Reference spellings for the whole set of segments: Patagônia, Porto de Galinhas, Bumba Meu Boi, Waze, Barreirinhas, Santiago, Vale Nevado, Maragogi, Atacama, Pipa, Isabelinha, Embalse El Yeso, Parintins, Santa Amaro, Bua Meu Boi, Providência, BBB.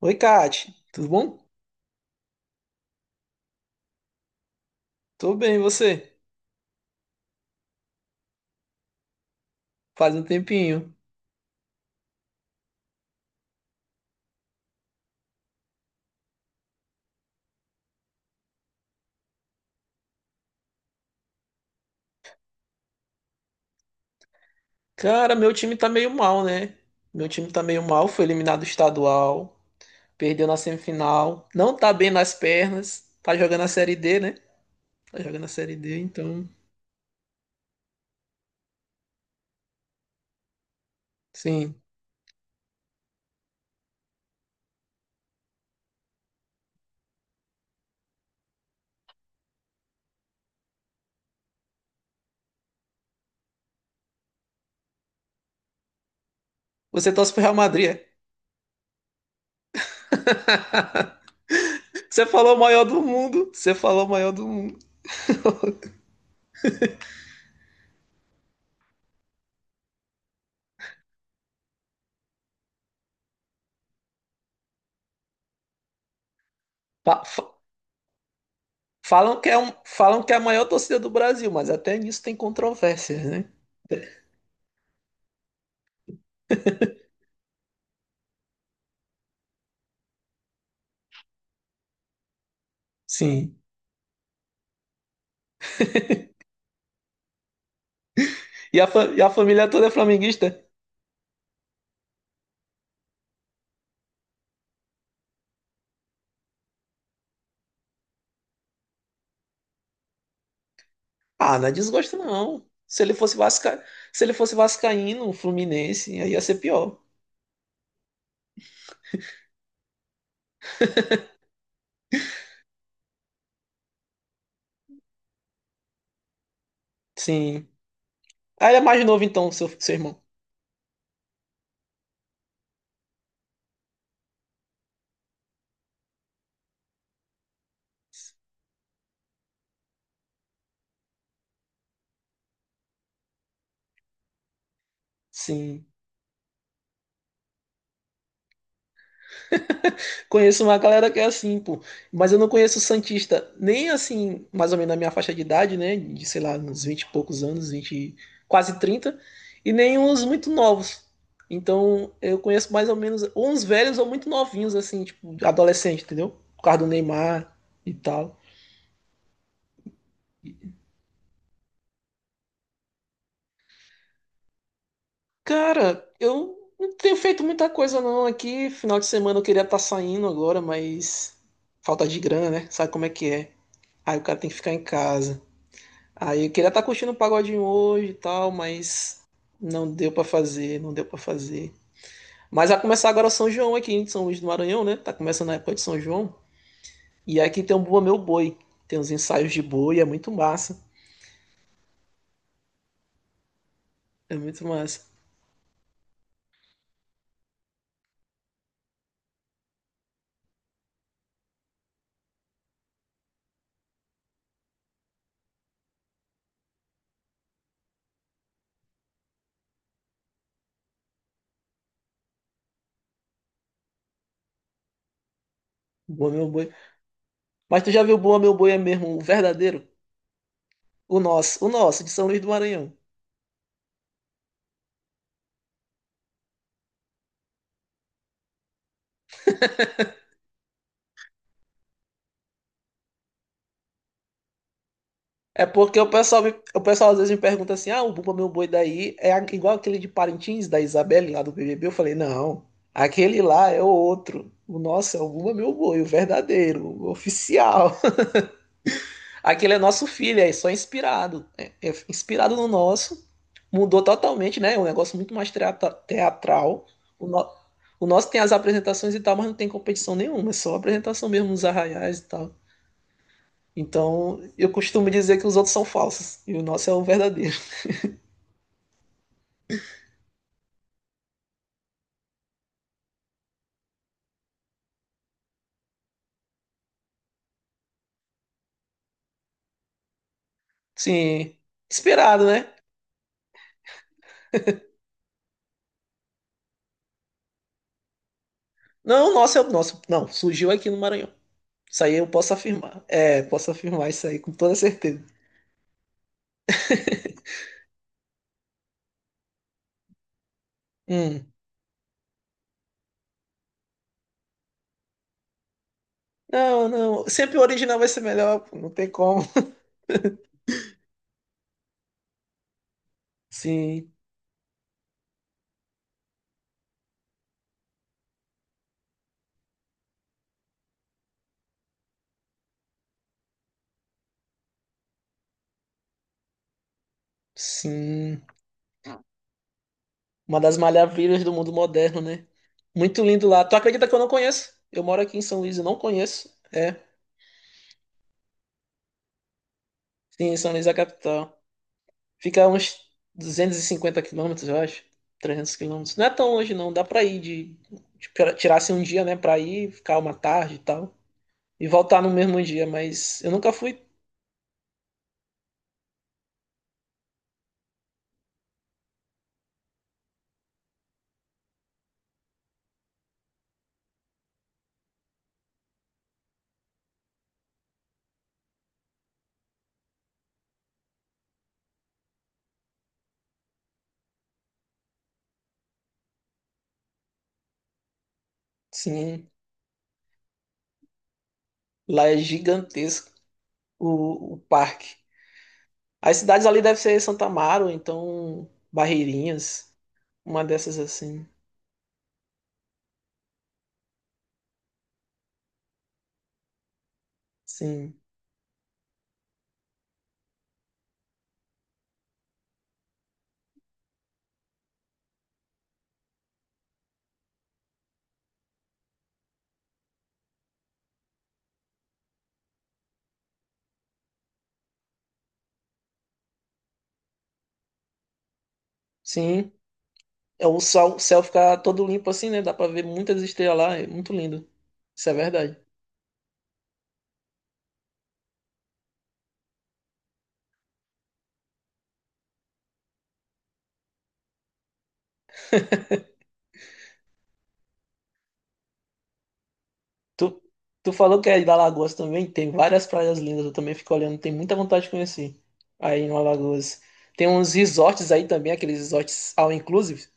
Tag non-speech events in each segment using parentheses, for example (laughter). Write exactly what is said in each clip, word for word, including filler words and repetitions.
Oi, Kate, tudo bom? Tô bem, e você? Faz um tempinho. Cara, meu time tá meio mal, né? Meu time tá meio mal, foi eliminado estadual, perdeu na semifinal, não tá bem nas pernas, tá jogando a Série D, né? Tá jogando a Série D, então, sim. Você torce pro Real Madrid? É? (laughs) Você falou o maior do mundo, você falou o maior do mundo. (laughs) Fa- fa- Falam que é um, falam que é a maior torcida do Brasil, mas até nisso tem controvérsias, né? Sim. (laughs) E a, fa- e a família toda é flamenguista? Ah, não é desgosto, não. Se ele fosse vasca... Se ele fosse vascaíno, fluminense, aí ia ser pior. Sim. Ah, ele é mais novo então, seu, seu irmão. Sim. Conheço uma galera que é assim, pô. Mas eu não conheço santista, nem assim, mais ou menos na minha faixa de idade, né? De, sei lá, uns vinte e poucos anos, vinte quase trinta. E nem uns muito novos. Então, eu conheço mais ou menos ou uns velhos ou muito novinhos, assim, tipo, adolescente, entendeu? Por causa do Neymar e tal. Cara, eu não tenho feito muita coisa não aqui. Final de semana eu queria estar saindo agora, mas falta de grana, né? Sabe como é que é? Aí o cara tem que ficar em casa. Aí eu queria estar curtindo um pagodinho hoje e tal, mas não deu pra fazer, não deu pra fazer. Mas vai começar agora o São João aqui em São Luís do Maranhão, né? Tá começando a época de São João. E aqui tem um Bua Meu Boi. Tem uns ensaios de boi, é muito massa. É muito massa. Bua Meu Boi. Mas tu já viu o Bua Meu Boi é mesmo o verdadeiro? O nosso, o nosso, de São Luís do Maranhão. É porque o pessoal, me- o pessoal às vezes me pergunta assim: ah, o Bumba Meu Boi daí é a- igual aquele de Parintins, da Isabelinha lá do B B B? Eu falei: não, aquele lá é o outro. O nosso é o Bumba Meu Boi, o verdadeiro, o oficial. (laughs) Aquele é nosso filho, é só inspirado. É, é inspirado no nosso. Mudou totalmente, né? É um negócio muito mais teatra- teatral. O, no- o nosso tem as apresentações e tal, mas não tem competição nenhuma, é só apresentação mesmo nos arraiais e tal. Então, eu costumo dizer que os outros são falsos e o nosso é o verdadeiro. Sim, esperado, né? Não, nossa, é nosso. Não, surgiu aqui no Maranhão. Isso aí eu posso afirmar. É, posso afirmar isso aí com toda certeza. Hum. Não, não. Sempre o original vai ser melhor, pô, não tem como. (laughs) Sim, sim. Uma das maravilhas do mundo moderno, né? Muito lindo lá. Tu acredita que eu não conheço? Eu moro aqui em São Luís e não conheço. É, sim, São Luís é a capital. Fica a uns duzentos e cinquenta quilômetros, eu acho. Trezentos quilômetros. Não é tão longe, não. Dá pra ir de. Tipo, se um dia, né, pra ir, ficar uma tarde e tal. E voltar no mesmo dia. Mas eu nunca fui. Sim, lá é gigantesco o, o parque. As cidades ali devem ser Santa Amaro, então Barreirinhas, uma dessas assim. Sim, sim. É, o sol, o céu fica todo limpo assim, né? Dá pra ver muitas estrelas lá. É muito lindo. Isso é verdade. Tu, tu falou que é da Alagoas também, tem várias praias lindas, eu também fico olhando. Tenho muita vontade de conhecer aí no Alagoas. Tem uns resorts aí também, aqueles resorts all inclusive.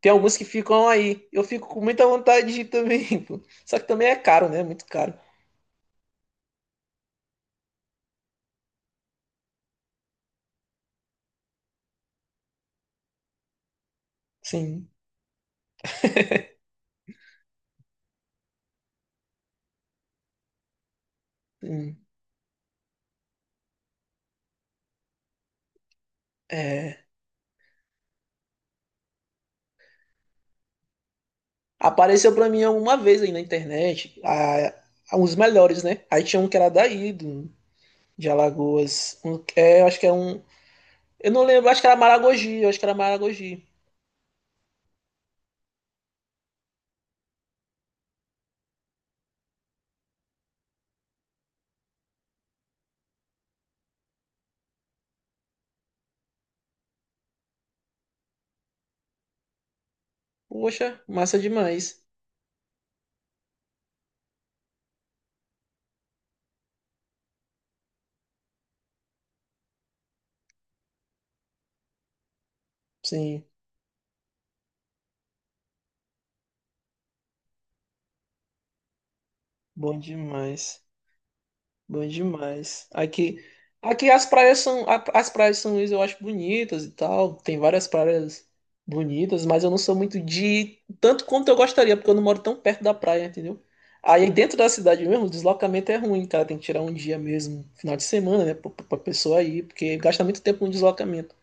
Tem alguns que ficam aí. Eu fico com muita vontade de ir também, (laughs) pô. Só que também é caro, né? Muito caro. Sim. Sim. É. Apareceu pra mim uma vez aí na internet, a, a- os melhores, né? Aí tinha um que era daí, do, de Alagoas. Um, é, eu acho que é um. Eu não lembro, acho que era Maragogi, eu acho que era Maragogi. Poxa, massa demais. Sim, bom demais. Bom demais. Aqui, aqui as praias são, a- as praias de São Luís eu acho bonitas e tal. Tem várias praias bonitas, mas eu não sou muito de ir tanto quanto eu gostaria, porque eu não moro tão perto da praia, entendeu? Aí dentro da cidade mesmo, o deslocamento é ruim, cara. Tem que tirar um dia mesmo, final de semana, né, pra, pra pessoa ir, porque gasta muito tempo no deslocamento.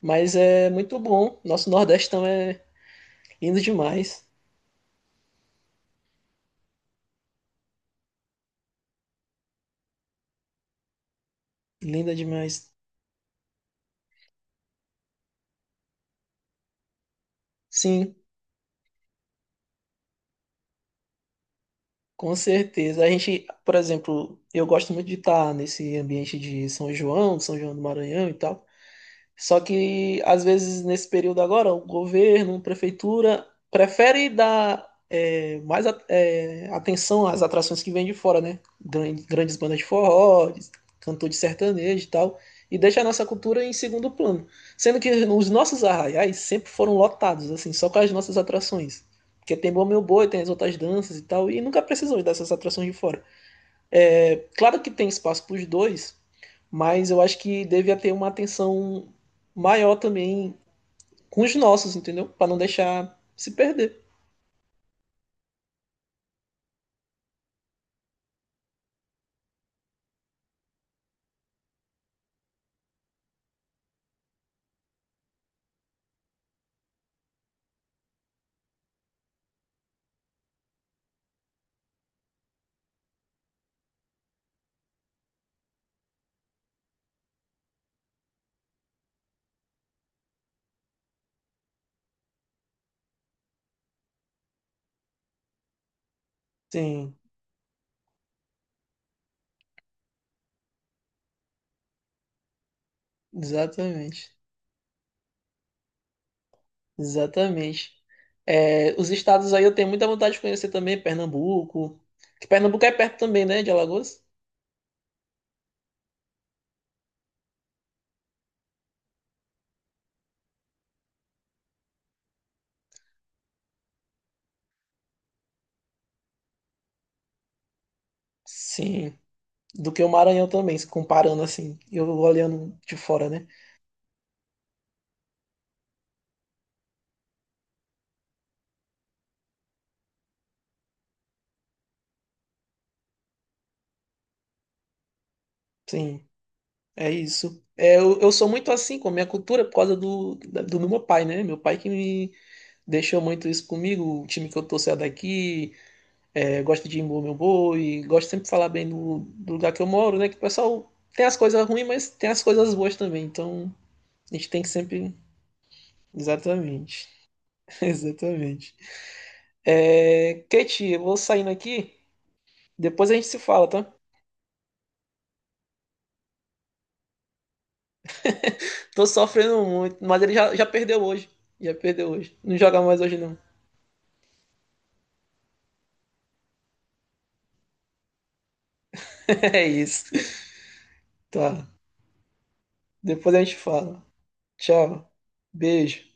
Mas é muito bom. Nosso Nordeste também é lindo demais. Linda demais. Sim. Com certeza. A gente, por exemplo, eu gosto muito de estar nesse ambiente de São João, São João do Maranhão e tal. Só que, às vezes, nesse período agora, o governo, a prefeitura, prefere dar é, mais a- é, atenção às atrações que vêm de fora, né? Gran- Grandes bandas de forró, de- cantor de sertanejo e tal, e deixa a nossa cultura em segundo plano. Sendo que os nossos arraiais sempre foram lotados, assim, só com as nossas atrações. Porque tem Bom Meu Boi, tem as outras danças e tal, e nunca precisou dessas atrações de fora. É, claro que tem espaço para os dois, mas eu acho que devia ter uma atenção maior também com os nossos, entendeu? Para não deixar se perder. Sim, exatamente. Exatamente. É, os estados aí eu tenho muita vontade de conhecer também, Pernambuco. Que Pernambuco é perto também, né, de Alagoas? Sim. Do que o Maranhão também, se comparando assim, eu olhando de fora, né? Sim, é isso. É, eu, eu sou muito assim com a minha cultura por causa do, da- do meu pai, né? Meu pai que me deixou muito isso comigo, o time que eu torço é daqui, é, gosto de impor meu boi, gosto sempre de falar bem do, do lugar que eu moro, né? Que o pessoal tem as coisas ruins, mas tem as coisas boas também, então a gente tem que sempre. Exatamente, (laughs) exatamente. É, Kate, eu vou saindo aqui, depois a gente se fala, tá? Tô sofrendo muito, mas ele já, já perdeu hoje. Já perdeu hoje. Não joga mais hoje, não. (laughs) É isso. Tá. Depois a gente fala. Tchau. Beijo.